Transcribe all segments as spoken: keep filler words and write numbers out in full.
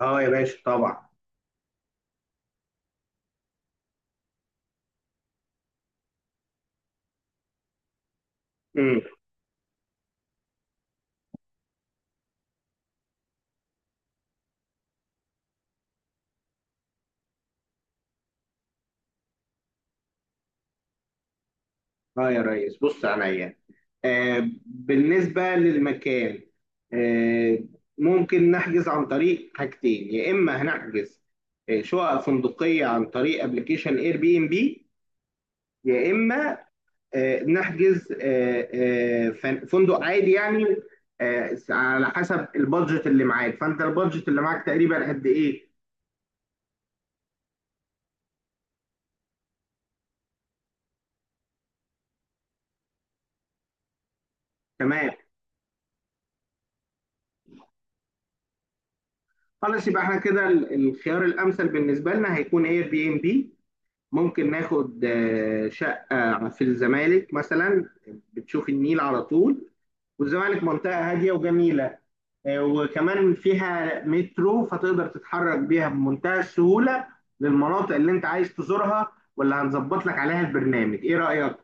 اه يا باشا، طبعا. امم. اه يا ريس، بص عليا. آه بالنسبة للمكان، آه ممكن نحجز عن طريق حاجتين. يا إما هنحجز آه، شقق فندقية عن طريق ابلكيشن اير بي ام بي، يا إما آه نحجز آه آه فن- فندق عادي يعني. آه على حسب البادجت اللي معاك، فأنت البادجت اللي معاك تقريبا قد إيه؟ تمام. خلاص، يبقى احنا كده ال- الخيار الأمثل بالنسبة لنا هيكون اير بي ام بي. ممكن ناخد آه، شقة في الزمالك مثلا. بتشوف النيل على طول، والزمالك منطقة هادية وجميلة. آه، وكمان فيها مترو، فتقدر تتحرك بيها بمنتهى السهولة للمناطق اللي انت عايز تزورها، واللي هنظبط لك عليها البرنامج. ايه رأيك؟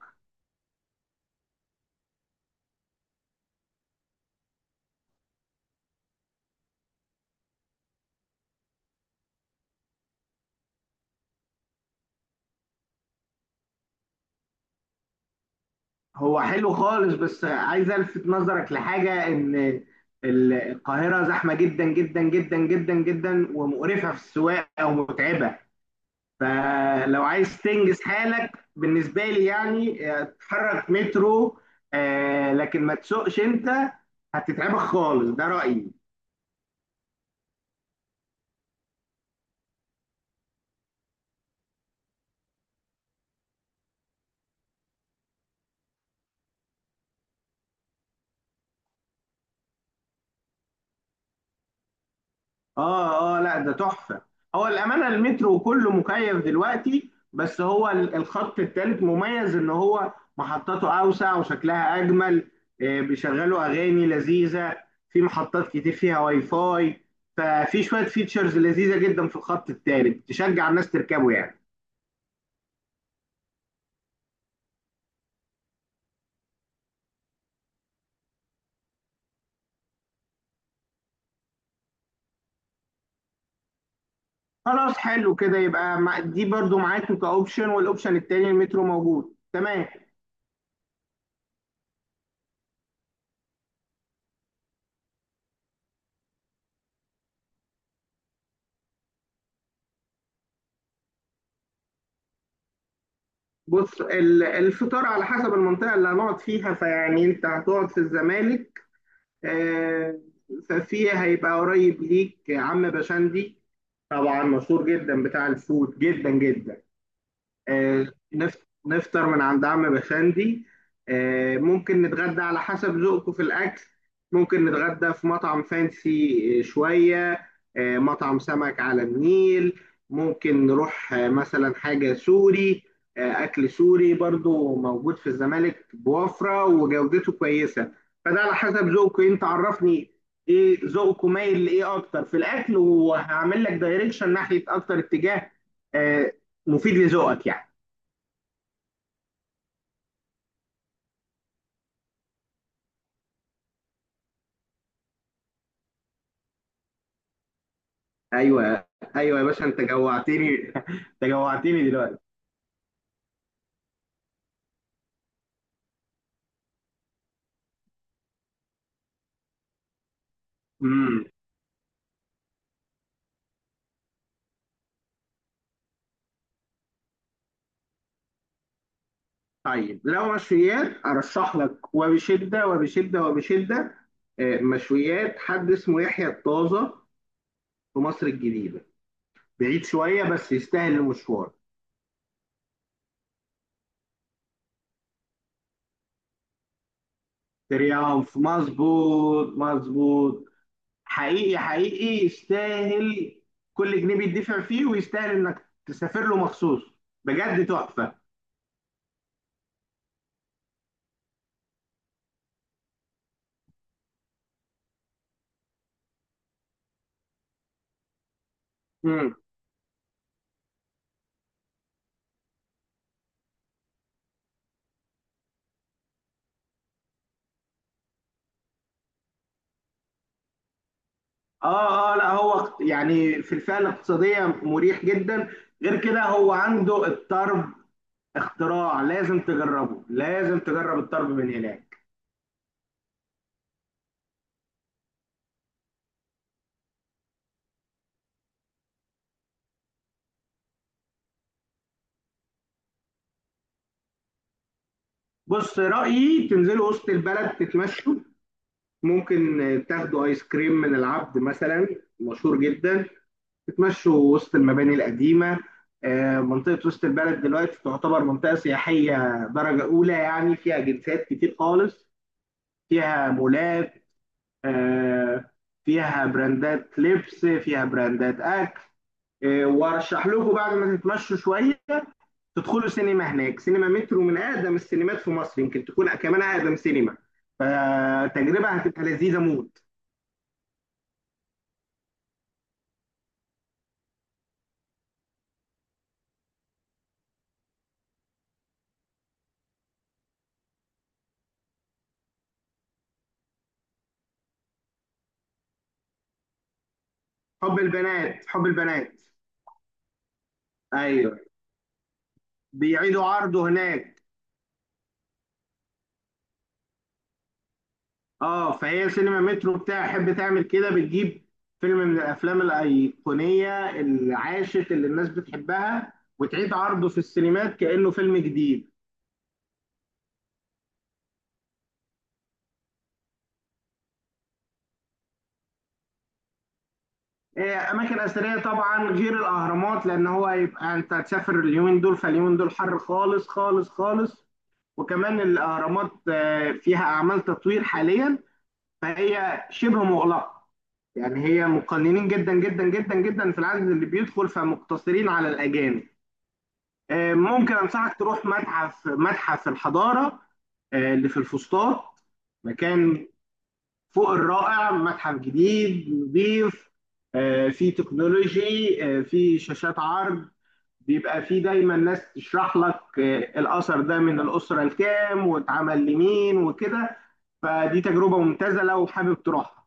هو حلو خالص، بس عايز الفت نظرك لحاجة، ان القاهرة زحمة جدا جدا جدا جدا جدا ومقرفة في السواقة ومتعبة. فلو عايز تنجز حالك بالنسبة لي، يعني آه، اتحرك مترو، آه، لكن ما تسوقش انت، هتتعبك خالص، ده رأيي. اه، اه، لا، ده تحفة. هو الأمانة المترو كله مكيف دلوقتي، بس هو ال- الخط التالت مميز ان هو محطاته أوسع وشكلها أجمل. آه، بيشغلوا أغاني لذيذة، في محطات كتير فيها واي فاي. ففي شوية فيتشرز لذيذة جدا في الخط التالت تشجع الناس تركبه يعني. خلاص حلو كده، يبقى مع- دي برضو معاك كأوبشن، والأوبشن التاني المترو موجود. تمام. بص ال- الفطار على حسب المنطقة اللي هنقعد فيها، فيعني أنت هتقعد في الزمالك، آه، ففي هيبقى قريب ليك عم بشندي. طبعا مشهور جدا، بتاع الفود جدا جدا. آه، نف- نفطر من عند عم بشندي. آه، ممكن نتغدى على حسب ذوقكم في الأكل. ممكن نتغدى في مطعم فانسي آه، شوية، آه، مطعم سمك على النيل. ممكن نروح آه، مثلا حاجة سوري، آه، أكل سوري برضو موجود في الزمالك بوفرة وجودته كويسة. فده على حسب ذوقك. أنت عرفني إيه ذوقك مايل لإيه أكتر في الأكل، وهعمل لك دايركشن ناحية أكتر اتجاه آه، مفيد لذوقك يعني. أيوه، أيوه يا باشا، أنت جوعتني أنت جوعتني دلوقتي. مم. طيب لو مشويات، ارشح لك وبشده وبشده وبشده. آه، مشويات، حد اسمه يحيى الطازه في مصر الجديده. بعيد شويه، بس يستاهل المشوار. تريومف، مظبوط مظبوط. حقيقي حقيقي يستاهل، كل جنيه بيدفع فيه ويستاهل انك تسافر له مخصوص. بجد تحفه. مم. اه، اه، لا، هو اقت- يعني في الفئه الاقتصاديه مريح جدا. غير كده هو عنده الطرب، اختراع، لازم تجربه، لازم تجرب الطرب من هناك. بص، رأيي تنزلوا وسط البلد تتمشوا. ممكن تاخدوا ايس كريم من العبد مثلا، مشهور جدا. تتمشوا وسط المباني القديمة. آه، منطقة وسط البلد دلوقتي تعتبر منطقة سياحية درجة أولى، يعني فيها جنسات كتير خالص، فيها مولات، آه، فيها براندات لبس، فيها براندات أكل. آه، وأرشح لكم بعد ما تتمشوا شوية تدخلوا سينما هناك. سينما مترو من اقدم السينمات في مصر، يمكن تكون كمان اقدم سينما. فتجربه هتبقى لذيذه موت. حب البنات، حب البنات. ايوه، بيعيدوا عرضه هناك. اه، فهي سينما مترو بتاع تحب تعمل كده، بتجيب فيلم من الافلام الايقونيه العاشت اللي الناس بتحبها، وتعيد عرضه في السينمات كانه فيلم جديد. إيه، اماكن اثريه طبعا غير الاهرامات، لان هو هيبقى انت هتسافر اليومين دول، فاليومين دول حر خالص خالص خالص. وكمان الاهرامات آه، فيها اعمال تطوير حاليا، فهي شبه مغلقه. يعني هي مقننين جدا جدا جدا جدا في العدد اللي بيدخل، فمقتصرين على الاجانب. آه، ممكن انصحك تروح متحف متحف الحضاره، آه، اللي في الفسطاط. مكان فوق الرائع، متحف جديد نظيف. آه، فيه تكنولوجي، آه، فيه شاشات عرض. بيبقى فيه دايما ناس تشرح لك آه، الأثر ده من الأسرة الكام واتعمل لمين وكده. فدي تجربة ممتازة لو حابب تروحها.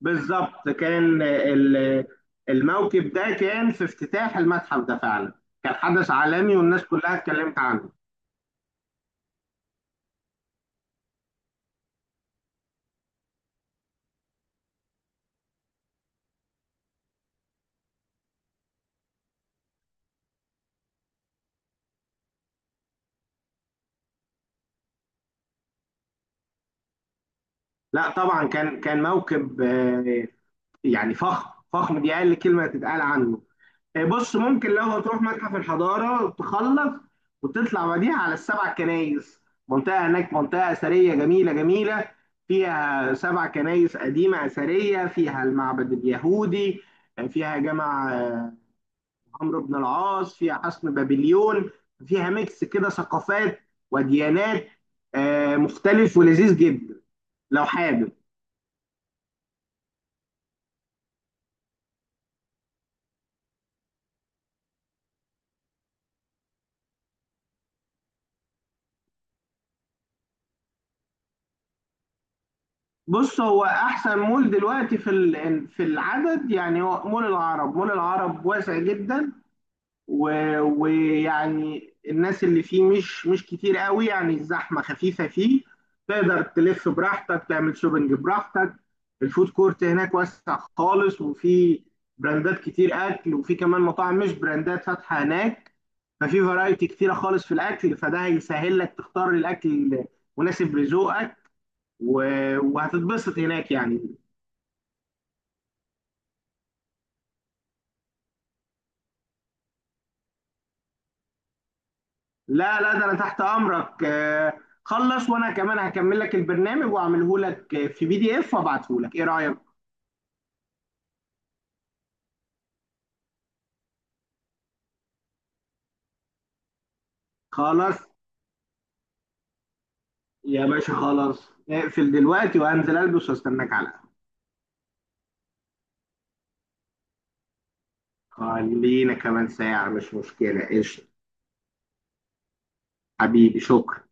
بالظبط كان آه، ال- الموكب ده كان في افتتاح المتحف ده فعلا. كان حدث عالمي، والناس كلها اتكلمت عنه. لا طبعا، كان كان موكب آه، يعني فخم فخم، دي أقل كلمة تتقال عنه. آه، بص، ممكن لو هتروح متحف الحضارة تخلص وتطلع بعديها على السبع كنايس. منطقة هناك، منطقة أثرية جميلة جميلة، فيها سبع كنايس قديمة أثرية، فيها المعبد اليهودي، آه، فيها جامع آه، عمرو بن العاص، فيها حصن بابليون. فيها ميكس كده ثقافات وديانات آه، مختلف ولذيذ جدا لو حابب. بص هو احسن مول دلوقتي في ال- في العدد يعني، هو مول العرب. مول العرب واسع جدا، و- ويعني الناس اللي فيه مش مش كتير قوي، يعني الزحمة خفيفة فيه. تقدر تلف براحتك، تعمل شوبنج براحتك. الفود كورت هناك واسع خالص، وفي براندات كتير أكل، وفي كمان مطاعم مش براندات فاتحة هناك. ففي فرايتي كتيرة خالص في الأكل، فده هيسهل لك تختار الأكل المناسب لذوقك، و- وهتتبسط هناك يعني. لا، لا، ده انا تحت امرك. آه، خلص، وانا كمان هكمل لك البرنامج واعمله لك آه، في بي دي اف وابعته لك. ايه رايك؟ خلاص. يا باشا، خلاص، اقفل دلوقتي وانزل البس واستناك على القهوة. خلينا كمان ساعة، مش مشكلة، قشطة. حبيبي، شكرا.